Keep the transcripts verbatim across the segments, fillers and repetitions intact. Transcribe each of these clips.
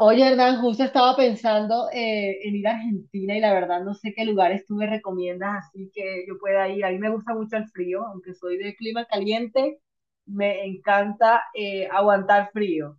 Oye, Hernán, justo estaba pensando eh, en ir a Argentina y la verdad no sé qué lugares tú me recomiendas así que yo pueda ir. A mí me gusta mucho el frío, aunque soy de clima caliente, me encanta eh, aguantar frío.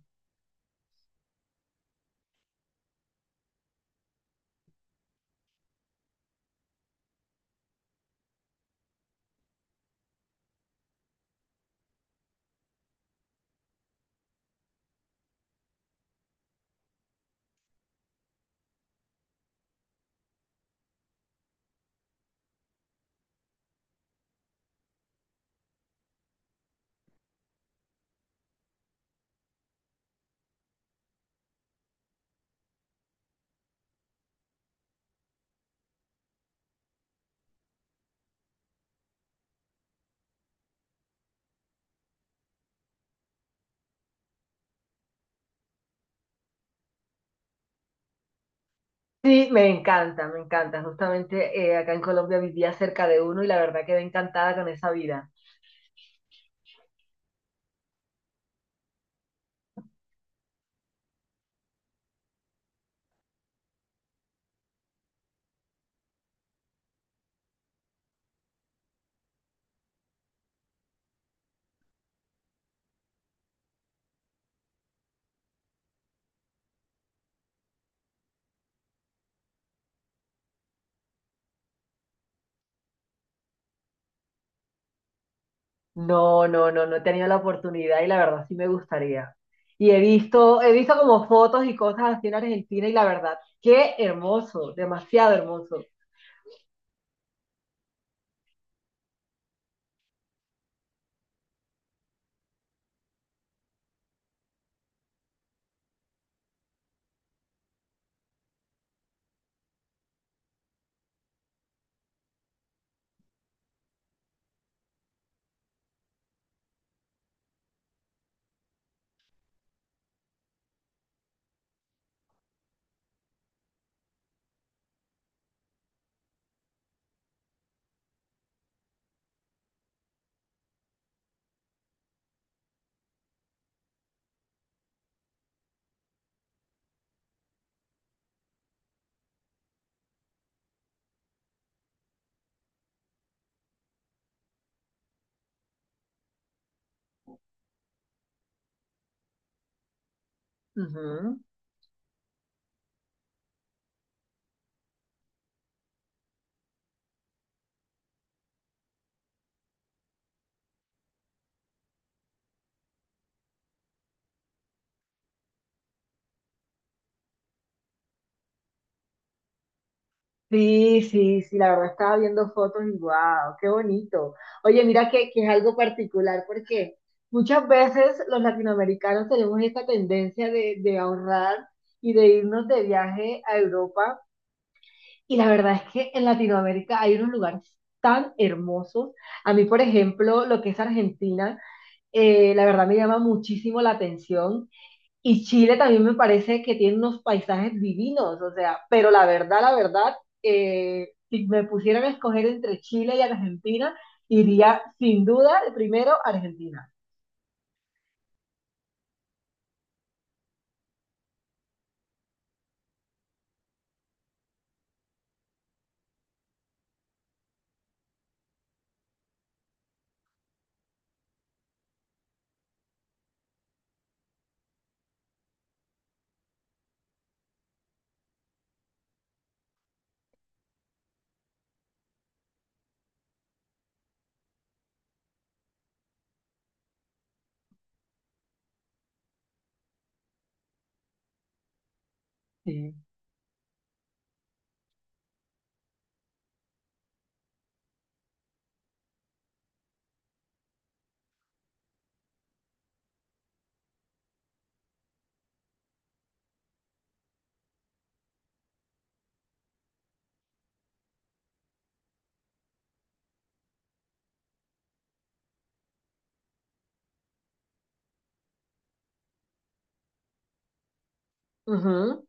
Sí, me encanta, me encanta. Justamente eh, acá en Colombia vivía cerca de uno y la verdad quedé encantada con esa vida. No, no, no, no he tenido la oportunidad y la verdad sí me gustaría. Y he visto, he visto como fotos y cosas así en Argentina y la verdad, qué hermoso, demasiado hermoso. Ujú. Sí, sí, sí, la verdad estaba viendo fotos y wow, qué bonito. Oye, mira que, que es algo particular porque muchas veces los latinoamericanos tenemos esta tendencia de, de ahorrar y de irnos de viaje a Europa. Y la verdad es que en Latinoamérica hay unos lugares tan hermosos. A mí, por ejemplo, lo que es Argentina, eh, la verdad me llama muchísimo la atención. Y Chile también me parece que tiene unos paisajes divinos, o sea, pero la verdad, la verdad, eh, si me pusieran a escoger entre Chile y Argentina, iría sin duda primero a Argentina. Sí. Ujú.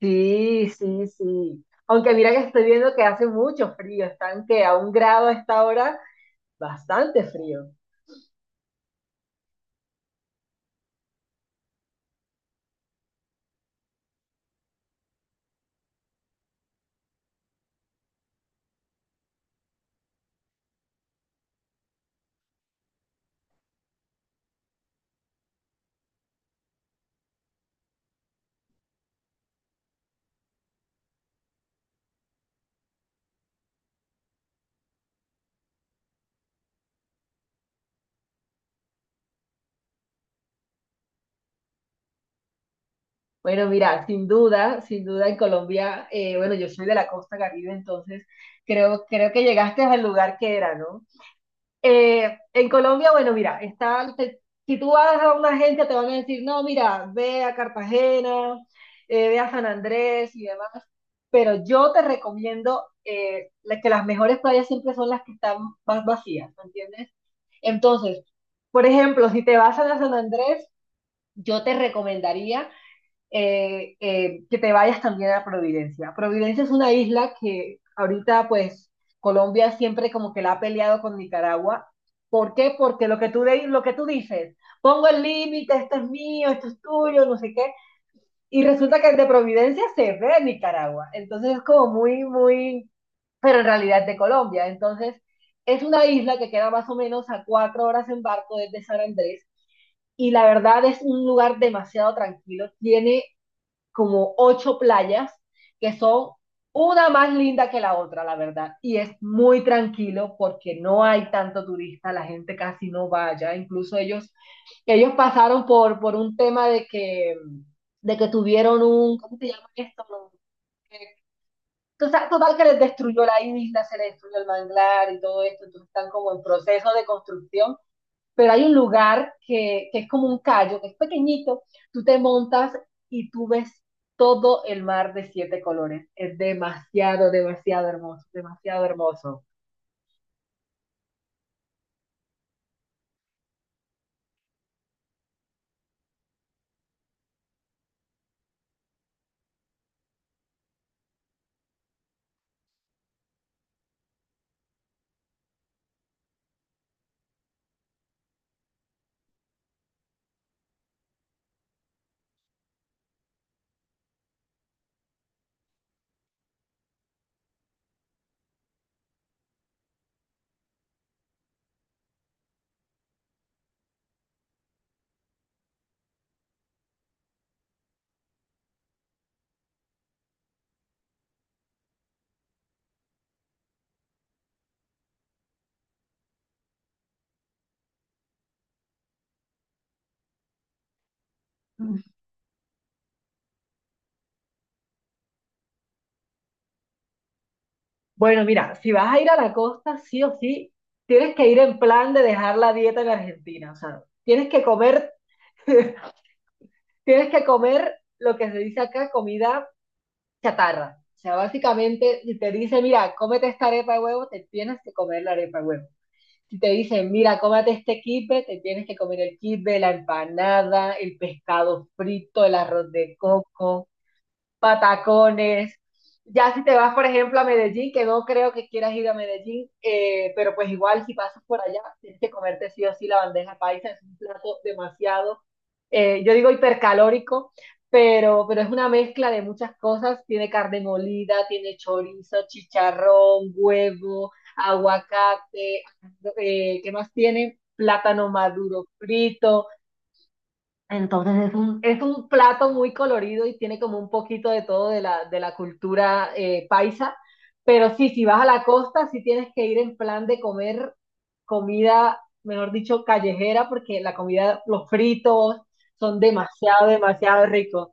Sí, sí, sí. Aunque mira que estoy viendo que hace mucho frío, están que a un grado a esta hora. Bastante frío. Bueno, mira, sin duda, sin duda en Colombia, eh, bueno, yo soy de la costa Caribe, entonces creo, creo que llegaste al lugar que era, ¿no? Eh, en Colombia, bueno, mira, está, te- si tú vas a una agencia te van a decir, no, mira, ve a Cartagena, eh, ve a San Andrés y demás, pero yo te recomiendo eh, la- que las mejores playas siempre son las que están más vacías, ¿me entiendes? Entonces, por ejemplo, si te vas a la San Andrés, yo te recomendaría eh, eh, que te vayas también a Providencia. Providencia es una isla que ahorita pues Colombia siempre como que la ha peleado con Nicaragua. ¿Por qué? Porque lo que tú, de- lo que tú dices, pongo el límite, esto es mío, esto es tuyo, no sé qué, y resulta que el de Providencia se ve en Nicaragua. Entonces es como muy, muy, pero en realidad es de Colombia. Entonces es una isla que queda más o menos a cuatro horas en barco desde San Andrés y la verdad es un lugar demasiado tranquilo. Tiene como ocho playas que son una más linda que la otra, la verdad. Y es muy tranquilo porque no hay tanto turista, la gente casi no va vaya. Incluso ellos, ellos pasaron por, por un tema de que, de que tuvieron un, ¿cómo se llama esto? No, que- Total, total que les destruyó la isla, se les destruyó el manglar y todo esto, entonces están como en proceso de construcción, pero hay un lugar que, que es como un callo, que es pequeñito, tú te montas y tú ves todo el mar de siete colores. Es demasiado, demasiado hermoso, demasiado hermoso. Bueno, mira, si vas a ir a la costa, sí o sí, tienes que ir en plan de dejar la dieta en Argentina. O sea, tienes que comer, tienes que comer lo que se dice acá, comida chatarra. O sea, básicamente, si te dice, mira, cómete esta arepa de huevo, te tienes que comer la arepa de huevo. Si te dicen, mira, cómate este kipe, te tienes que comer el kipe, la empanada, el pescado frito, el arroz de coco, patacones. Ya si te vas, por ejemplo, a Medellín, que no creo que quieras ir a Medellín, eh, pero pues igual si pasas por allá, tienes que comerte sí o sí la bandeja paisa, es un plato demasiado, eh, yo digo hipercalórico, pero, pero es una mezcla de muchas cosas, tiene carne molida, tiene chorizo, chicharrón, huevo, aguacate, eh, ¿qué más tiene? Plátano maduro frito, entonces es un, es un plato muy colorido y tiene como un poquito de todo de la, de la cultura eh, paisa, pero sí, si vas a la costa, sí tienes que ir en plan de comer comida, mejor dicho, callejera, porque la comida, los fritos son demasiado, demasiado ricos.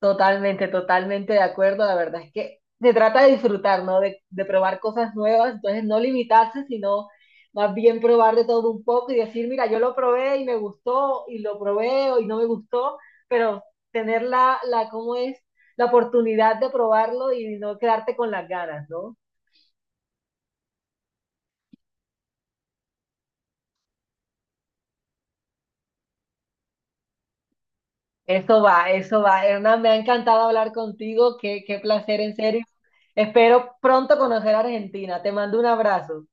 Totalmente, totalmente de acuerdo. La verdad es que se trata de disfrutar, ¿no? De, de probar cosas nuevas, entonces no limitarse, sino más bien probar de todo un poco y decir, mira, yo lo probé y me gustó, y lo probé y no me gustó, pero tener la, la, ¿cómo es? La oportunidad de probarlo y no quedarte con las ganas, ¿no? Eso va, eso va. Hernán, me ha encantado hablar contigo, qué, qué placer, en serio. Espero pronto conocer a Argentina. Te mando un abrazo.